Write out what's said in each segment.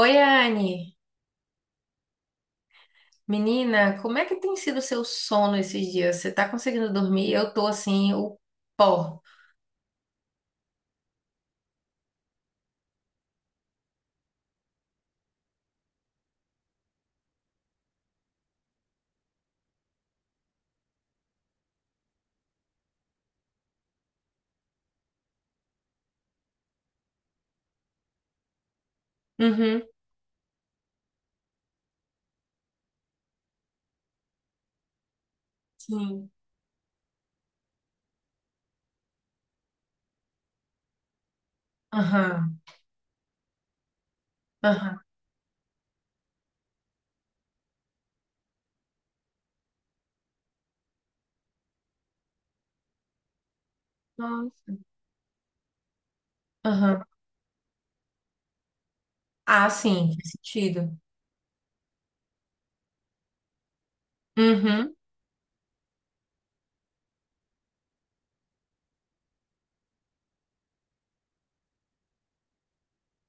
Oi, Anne. Menina, como é que tem sido o seu sono esses dias? Você tá conseguindo dormir? Eu tô assim, o pó. Uhum. Sim. Aham. Aham. Nossa. Aham. Ah, sim, faz sentido. Uhum.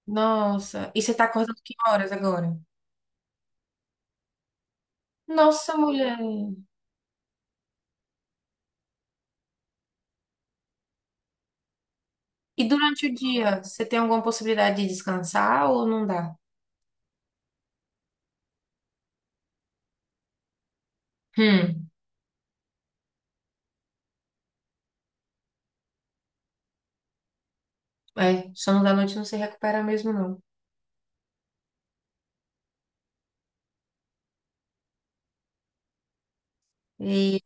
Nossa. E você tá acordando que horas agora? Nossa, mulher. E durante o dia, você tem alguma possibilidade de descansar ou não dá? Hum. É, sono da noite não se recupera mesmo, não. E.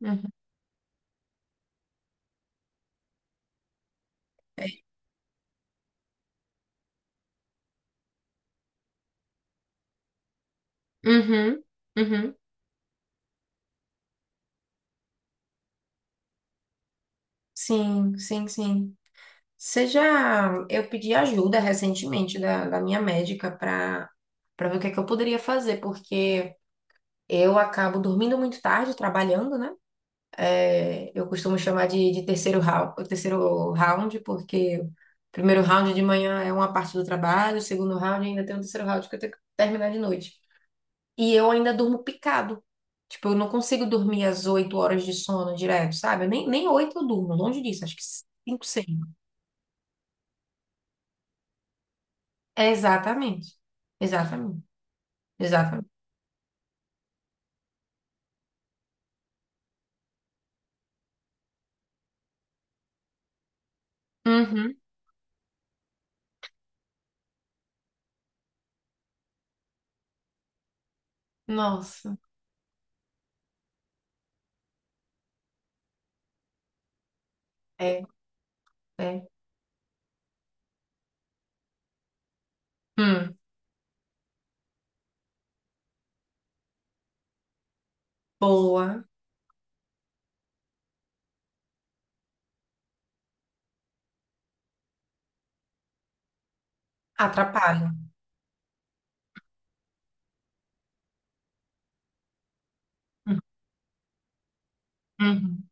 Uhum. Uhum. Uhum. Sim, sim, sim. seja Eu pedi ajuda recentemente da minha médica para ver o que é que eu poderia fazer, porque eu acabo dormindo muito tarde, trabalhando, né? É, eu costumo chamar de terceiro round, porque o primeiro round de manhã é uma parte do trabalho, o segundo round ainda tem um terceiro round que eu tenho que terminar de noite. E eu ainda durmo picado. Tipo, eu não consigo dormir as 8 horas de sono direto, sabe? Eu nem oito eu durmo, longe disso, acho que cinco, seis. Exatamente. Exatamente. Exatamente. Uhum. Nossa. É, é. Hum. Boa. Atrapalha. Hum. Uhum.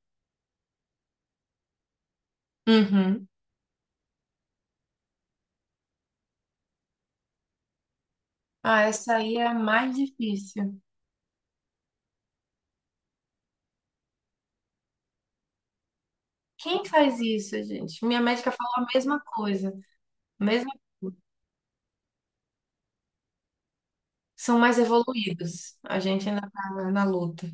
Uhum. Ah, essa aí é a mais difícil. Quem faz isso, gente? Minha médica falou a mesma coisa. Mesmo são mais evoluídos. A gente ainda tá na luta.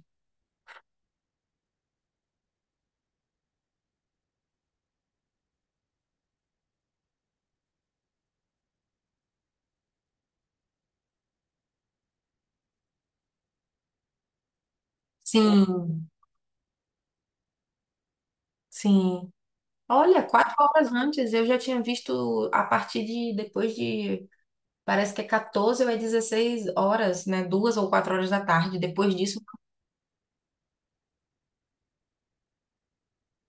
Sim, sim. Olha, 4 horas antes eu já tinha visto a partir de depois de parece que é 14 ou é 16 horas, né? 2 ou 4 horas da tarde. Depois disso.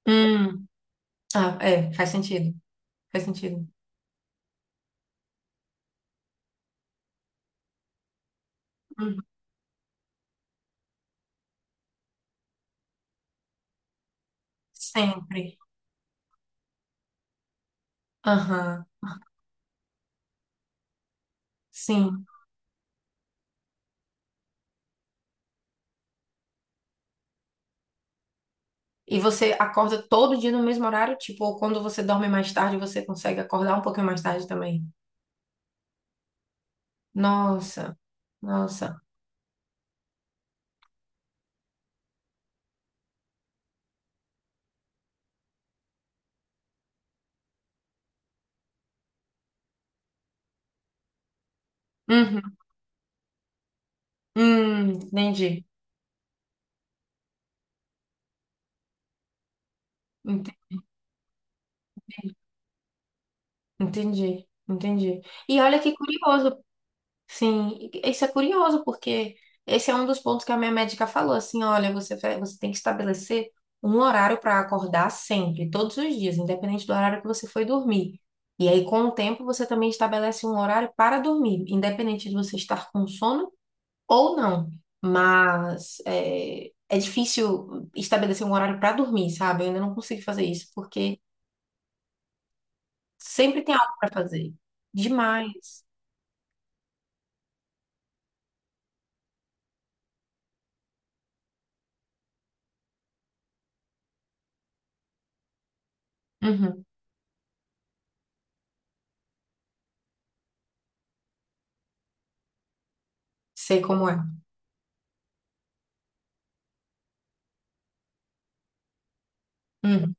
Hum, Ah, é, faz sentido. Faz sentido. Hum, sempre. Aham, sim. E você acorda todo dia no mesmo horário? Tipo, ou quando você dorme mais tarde, você consegue acordar um pouquinho mais tarde também? Nossa, nossa. Uhum. Entendi. Ent- Entendi, entendi. E olha que curioso, sim, e isso é curioso, porque esse é um dos pontos que a minha médica falou, assim, olha, você, você tem que estabelecer um horário para acordar sempre, todos os dias, independente do horário que você foi dormir. E aí, com o tempo, você também estabelece um horário para dormir, independente de você estar com sono ou não. Mas é difícil estabelecer um horário para dormir, sabe? Eu ainda não consigo fazer isso, porque sempre tem algo para fazer. Demais. Uhum, sei como é. Uhum.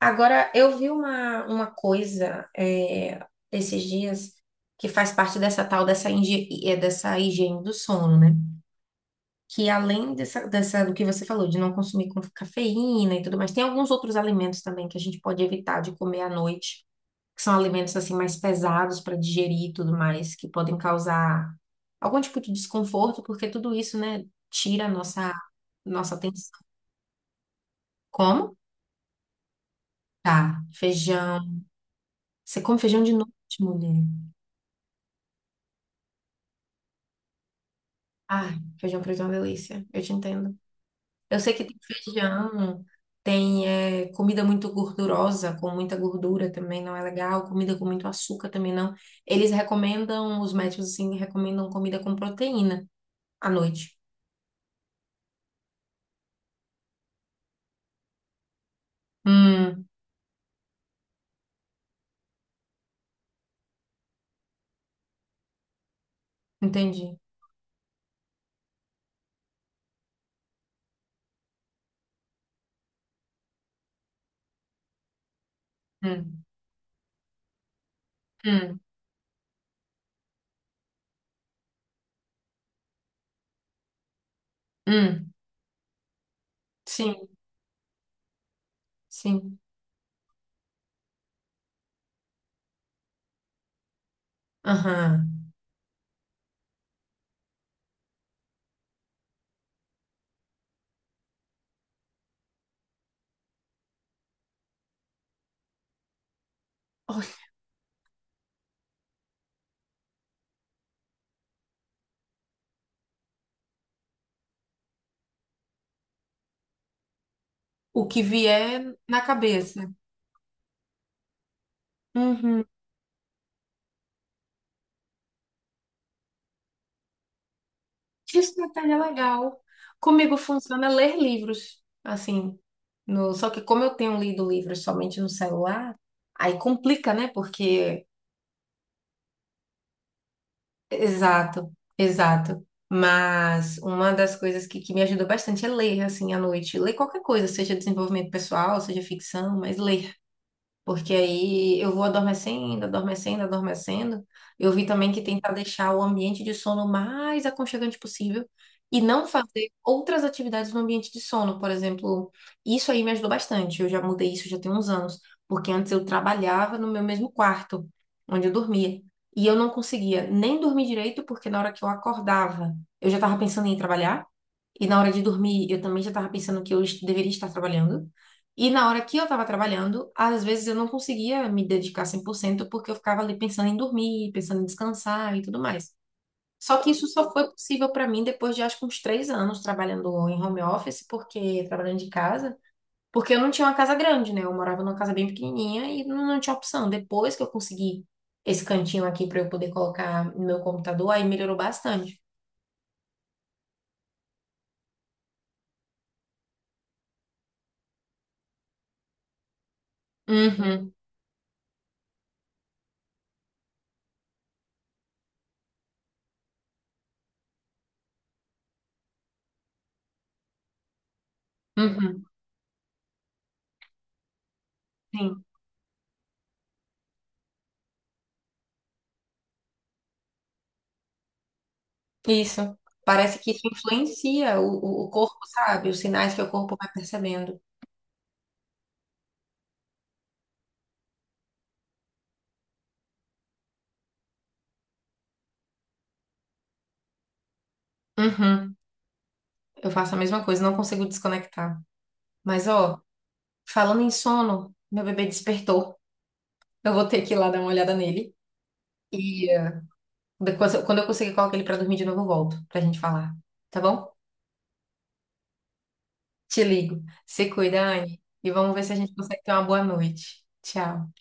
Agora, eu vi uma coisa é, esses dias que faz parte dessa tal dessa higiene do sono, né? Que além do que você falou, de não consumir com cafeína e tudo mais, tem alguns outros alimentos também que a gente pode evitar de comer à noite, que são alimentos assim mais pesados para digerir e tudo mais, que podem causar algum tipo de desconforto, porque tudo isso, né, tira a nossa atenção. Como? Tá, feijão. Você come feijão de noite, mulher? Ai, feijão preto é uma delícia. Eu te entendo. Eu sei que tem feijão, tem comida muito gordurosa, com muita gordura também não é legal, comida com muito açúcar também não. Eles recomendam, os médicos assim, recomendam comida com proteína à noite. Hum, entendi. Hum, hum, hum. Sim, sim. Aham. O que vier na cabeça. Uhum. Isso, Natália, é legal. Comigo funciona ler livros, assim. No... Só que como eu tenho lido livros somente no celular, aí complica, né? Porque. Exato, exato. Mas uma das coisas que me ajuda bastante é ler, assim, à noite. Ler qualquer coisa, seja desenvolvimento pessoal, seja ficção, mas ler. Porque aí eu vou adormecendo, adormecendo, adormecendo. Eu vi também que tentar deixar o ambiente de sono mais aconchegante possível e não fazer outras atividades no ambiente de sono, por exemplo. Isso aí me ajudou bastante. Eu já mudei isso já tem uns anos, porque antes eu trabalhava no meu mesmo quarto, onde eu dormia. E eu não conseguia nem dormir direito, porque na hora que eu acordava, eu já estava pensando em ir trabalhar. E na hora de dormir, eu também já estava pensando que eu deveria estar trabalhando. E na hora que eu estava trabalhando, às vezes eu não conseguia me dedicar 100% porque eu ficava ali pensando em dormir, pensando em descansar e tudo mais. Só que isso só foi possível para mim depois de acho que uns 3 anos trabalhando em home office, porque trabalhando de casa, porque eu não tinha uma casa grande, né? Eu morava numa casa bem pequenininha e não tinha opção. Depois que eu consegui esse cantinho aqui para eu poder colocar no meu computador, aí melhorou bastante. Uhum, uhum, sim. Isso. Parece que isso influencia o, o corpo, sabe? Os sinais que o corpo vai percebendo. Uhum. Eu faço a mesma coisa, não consigo desconectar. Mas, ó, falando em sono, meu bebê despertou. Eu vou ter que ir lá dar uma olhada nele. E depois, quando eu conseguir colocar ele pra dormir de novo, eu volto pra gente falar. Tá bom? Te ligo. Se cuida, Anne. E vamos ver se a gente consegue ter uma boa noite. Tchau.